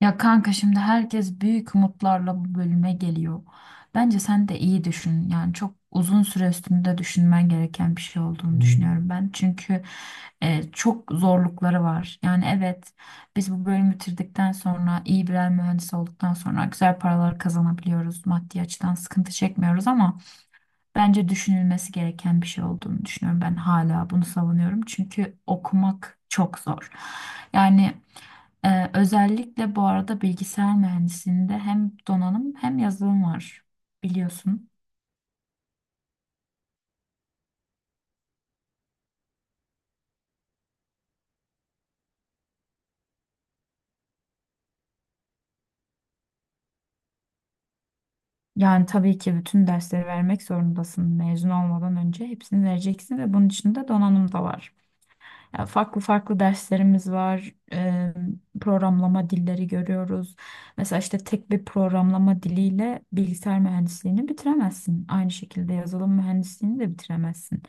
Ya kanka şimdi herkes büyük umutlarla bu bölüme geliyor. Bence sen de iyi düşün. Yani çok uzun süre üstünde düşünmen gereken bir şey olduğunu düşünüyorum ben. Çünkü çok zorlukları var. Yani evet biz bu bölümü bitirdikten sonra iyi birer mühendis olduktan sonra güzel paralar kazanabiliyoruz. Maddi açıdan sıkıntı çekmiyoruz ama bence düşünülmesi gereken bir şey olduğunu düşünüyorum. Ben hala bunu savunuyorum. Çünkü okumak çok zor. Yani özellikle bu arada bilgisayar mühendisliğinde hem donanım hem yazılım var biliyorsun. Yani tabii ki bütün dersleri vermek zorundasın. Mezun olmadan önce hepsini vereceksin ve bunun içinde donanım da var. Yani farklı farklı derslerimiz var. Programlama dilleri görüyoruz. Mesela işte tek bir programlama diliyle bilgisayar mühendisliğini bitiremezsin. Aynı şekilde yazılım mühendisliğini de bitiremezsin.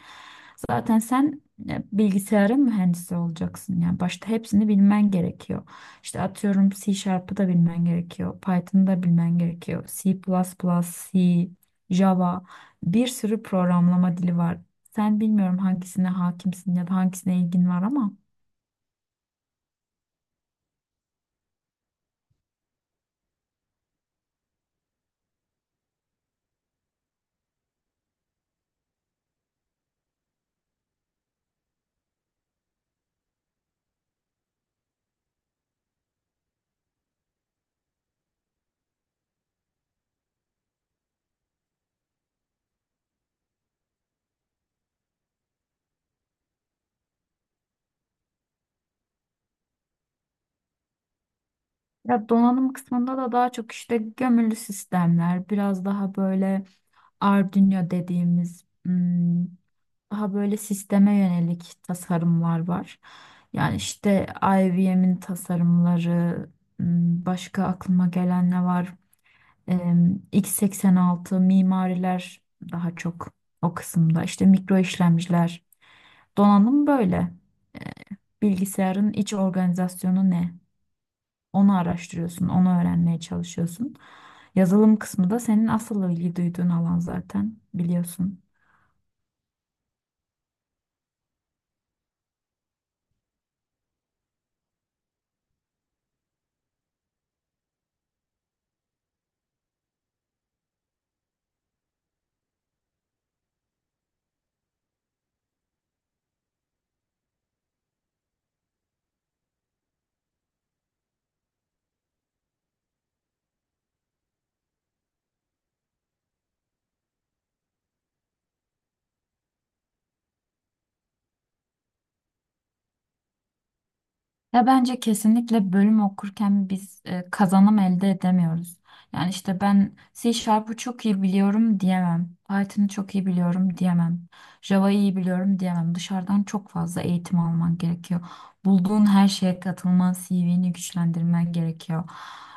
Zaten sen bilgisayarın mühendisi olacaksın. Yani başta hepsini bilmen gerekiyor. İşte atıyorum C Sharp'ı da bilmen gerekiyor. Python'ı da bilmen gerekiyor. C++, C, Java, bir sürü programlama dili var. Sen bilmiyorum hangisine hakimsin ya da hangisine ilgin var ama ya donanım kısmında da daha çok işte gömülü sistemler, biraz daha böyle Arduino dediğimiz, daha böyle sisteme yönelik tasarımlar var. Yani işte IBM'in tasarımları, başka aklıma gelen ne var? X86 mimariler daha çok o kısımda. İşte mikro işlemciler, donanım böyle. Bilgisayarın iç organizasyonu ne? Onu araştırıyorsun, onu öğrenmeye çalışıyorsun. Yazılım kısmı da senin asıl ilgi duyduğun alan zaten biliyorsun. Ya bence kesinlikle bölüm okurken biz kazanım elde edemiyoruz. Yani işte ben C Sharp'ı çok iyi biliyorum diyemem. Python'ı çok iyi biliyorum diyemem. Java'yı iyi biliyorum diyemem. Dışarıdan çok fazla eğitim alman gerekiyor. Bulduğun her şeye katılman, CV'ni güçlendirmen gerekiyor.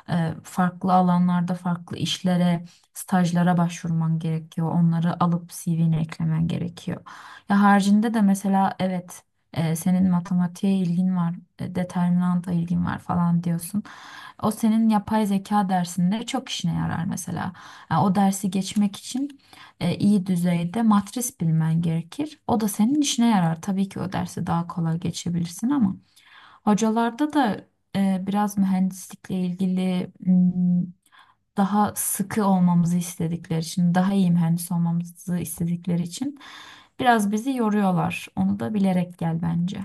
Farklı alanlarda farklı işlere, stajlara başvurman gerekiyor. Onları alıp CV'ne eklemen gerekiyor. Ya haricinde de mesela evet, senin matematiğe ilgin var, determinanta ilgin var falan diyorsun. O senin yapay zeka dersinde çok işine yarar mesela. Yani o dersi geçmek için iyi düzeyde matris bilmen gerekir. O da senin işine yarar. Tabii ki o dersi daha kolay geçebilirsin ama. Hocalarda da biraz mühendislikle ilgili, daha sıkı olmamızı istedikleri için, daha iyi mühendis olmamızı istedikleri için biraz bizi yoruyorlar. Onu da bilerek gel bence.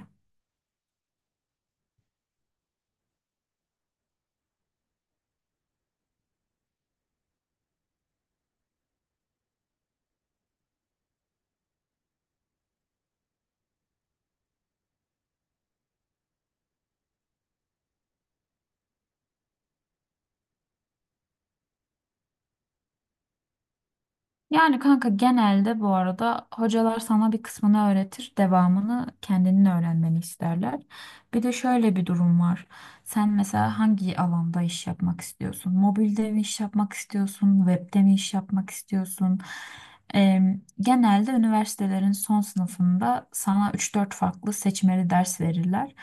Yani kanka genelde bu arada hocalar sana bir kısmını öğretir, devamını kendinin öğrenmeni isterler. Bir de şöyle bir durum var. Sen mesela hangi alanda iş yapmak istiyorsun? Mobilde mi iş yapmak istiyorsun? Webde mi iş yapmak istiyorsun? Genelde üniversitelerin son sınıfında sana 3-4 farklı seçmeli ders verirler.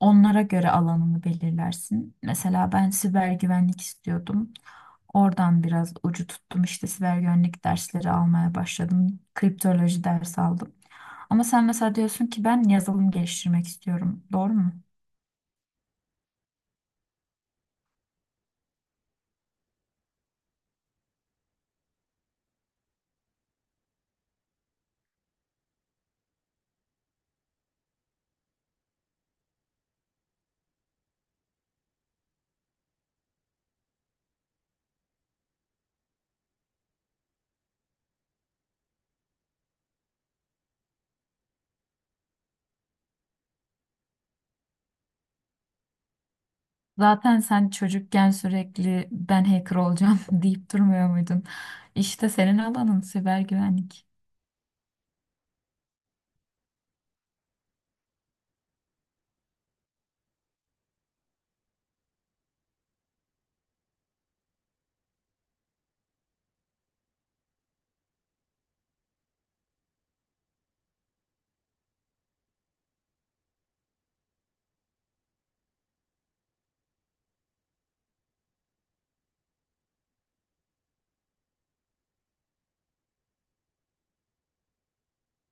Onlara göre alanını belirlersin. Mesela ben siber güvenlik istiyordum. Oradan biraz ucu tuttum. İşte siber güvenlik dersleri almaya başladım. Kriptoloji dersi aldım. Ama sen mesela diyorsun ki ben yazılım geliştirmek istiyorum. Doğru mu? Zaten sen çocukken sürekli ben hacker olacağım deyip durmuyor muydun? İşte senin alanın siber güvenlik.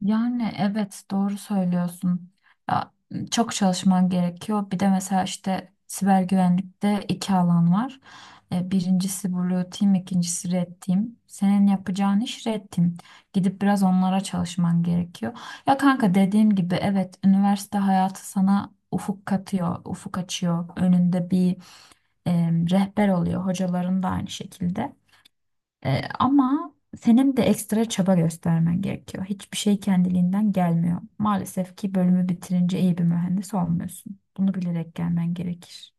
Yani evet doğru söylüyorsun. Ya, çok çalışman gerekiyor. Bir de mesela işte siber güvenlikte iki alan var. Birincisi Blue Team, ikincisi Red Team. Senin yapacağın iş Red Team. Gidip biraz onlara çalışman gerekiyor. Ya kanka dediğim gibi evet üniversite hayatı sana ufuk katıyor, ufuk açıyor. Önünde bir e, rehber oluyor. Hocaların da aynı şekilde. Ama senin de ekstra çaba göstermen gerekiyor. Hiçbir şey kendiliğinden gelmiyor. Maalesef ki bölümü bitirince iyi bir mühendis olmuyorsun. Bunu bilerek gelmen gerekir.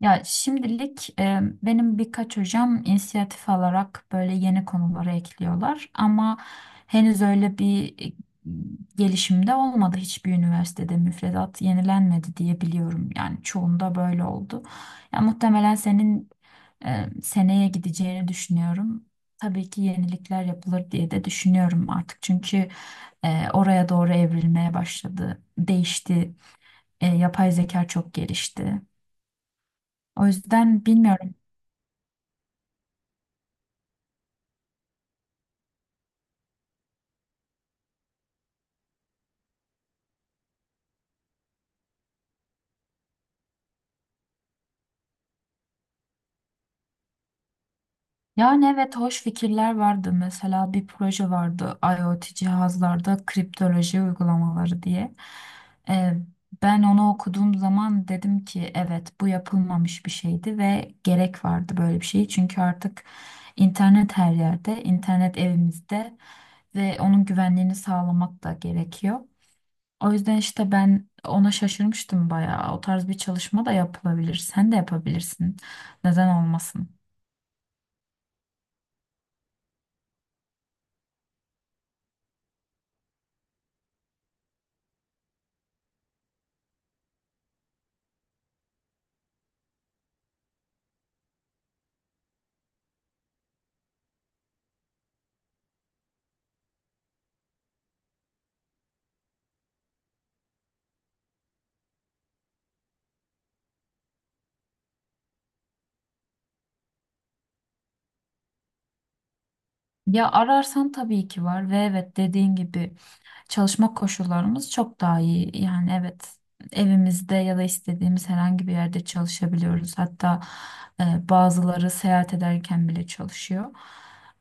Ya şimdilik benim birkaç hocam inisiyatif alarak böyle yeni konuları ekliyorlar ama henüz öyle bir gelişimde olmadı, hiçbir üniversitede müfredat yenilenmedi diye biliyorum. Yani çoğunda böyle oldu. Ya muhtemelen senin seneye gideceğini düşünüyorum. Tabii ki yenilikler yapılır diye de düşünüyorum artık çünkü oraya doğru evrilmeye başladı, değişti, yapay zeka çok gelişti. O yüzden bilmiyorum. Yani evet hoş fikirler vardı. Mesela bir proje vardı IoT cihazlarda kriptoloji uygulamaları diye. Ee, ben onu okuduğum zaman dedim ki evet, bu yapılmamış bir şeydi ve gerek vardı böyle bir şey. Çünkü artık internet her yerde, internet evimizde ve onun güvenliğini sağlamak da gerekiyor. O yüzden işte ben ona şaşırmıştım bayağı. O tarz bir çalışma da yapılabilir. Sen de yapabilirsin. Neden olmasın? Ya ararsan tabii ki var ve evet dediğin gibi çalışma koşullarımız çok daha iyi. Yani evet, evimizde ya da istediğimiz herhangi bir yerde çalışabiliyoruz. Hatta bazıları seyahat ederken bile çalışıyor.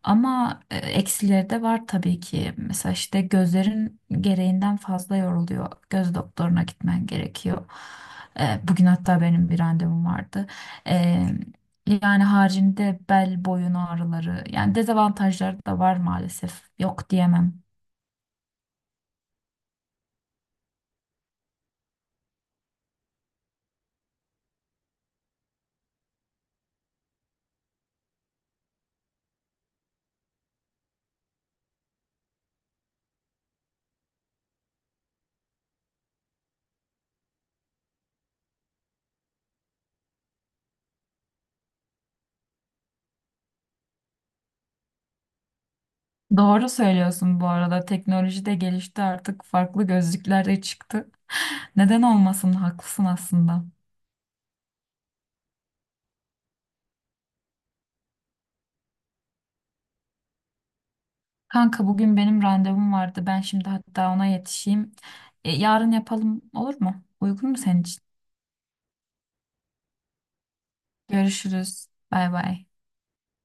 Ama eksileri de var tabii ki. Mesela işte gözlerin gereğinden fazla yoruluyor. Göz doktoruna gitmen gerekiyor. Bugün hatta benim bir randevum vardı. E, yani haricinde bel boyun ağrıları, yani dezavantajları da var maalesef. Yok diyemem. Doğru söylüyorsun bu arada. Teknoloji de gelişti artık. Farklı gözlükler de çıktı. Neden olmasın? Haklısın aslında. Kanka bugün benim randevum vardı. Ben şimdi hatta ona yetişeyim. Yarın yapalım olur mu? Uygun mu senin için? Görüşürüz. Bay bay.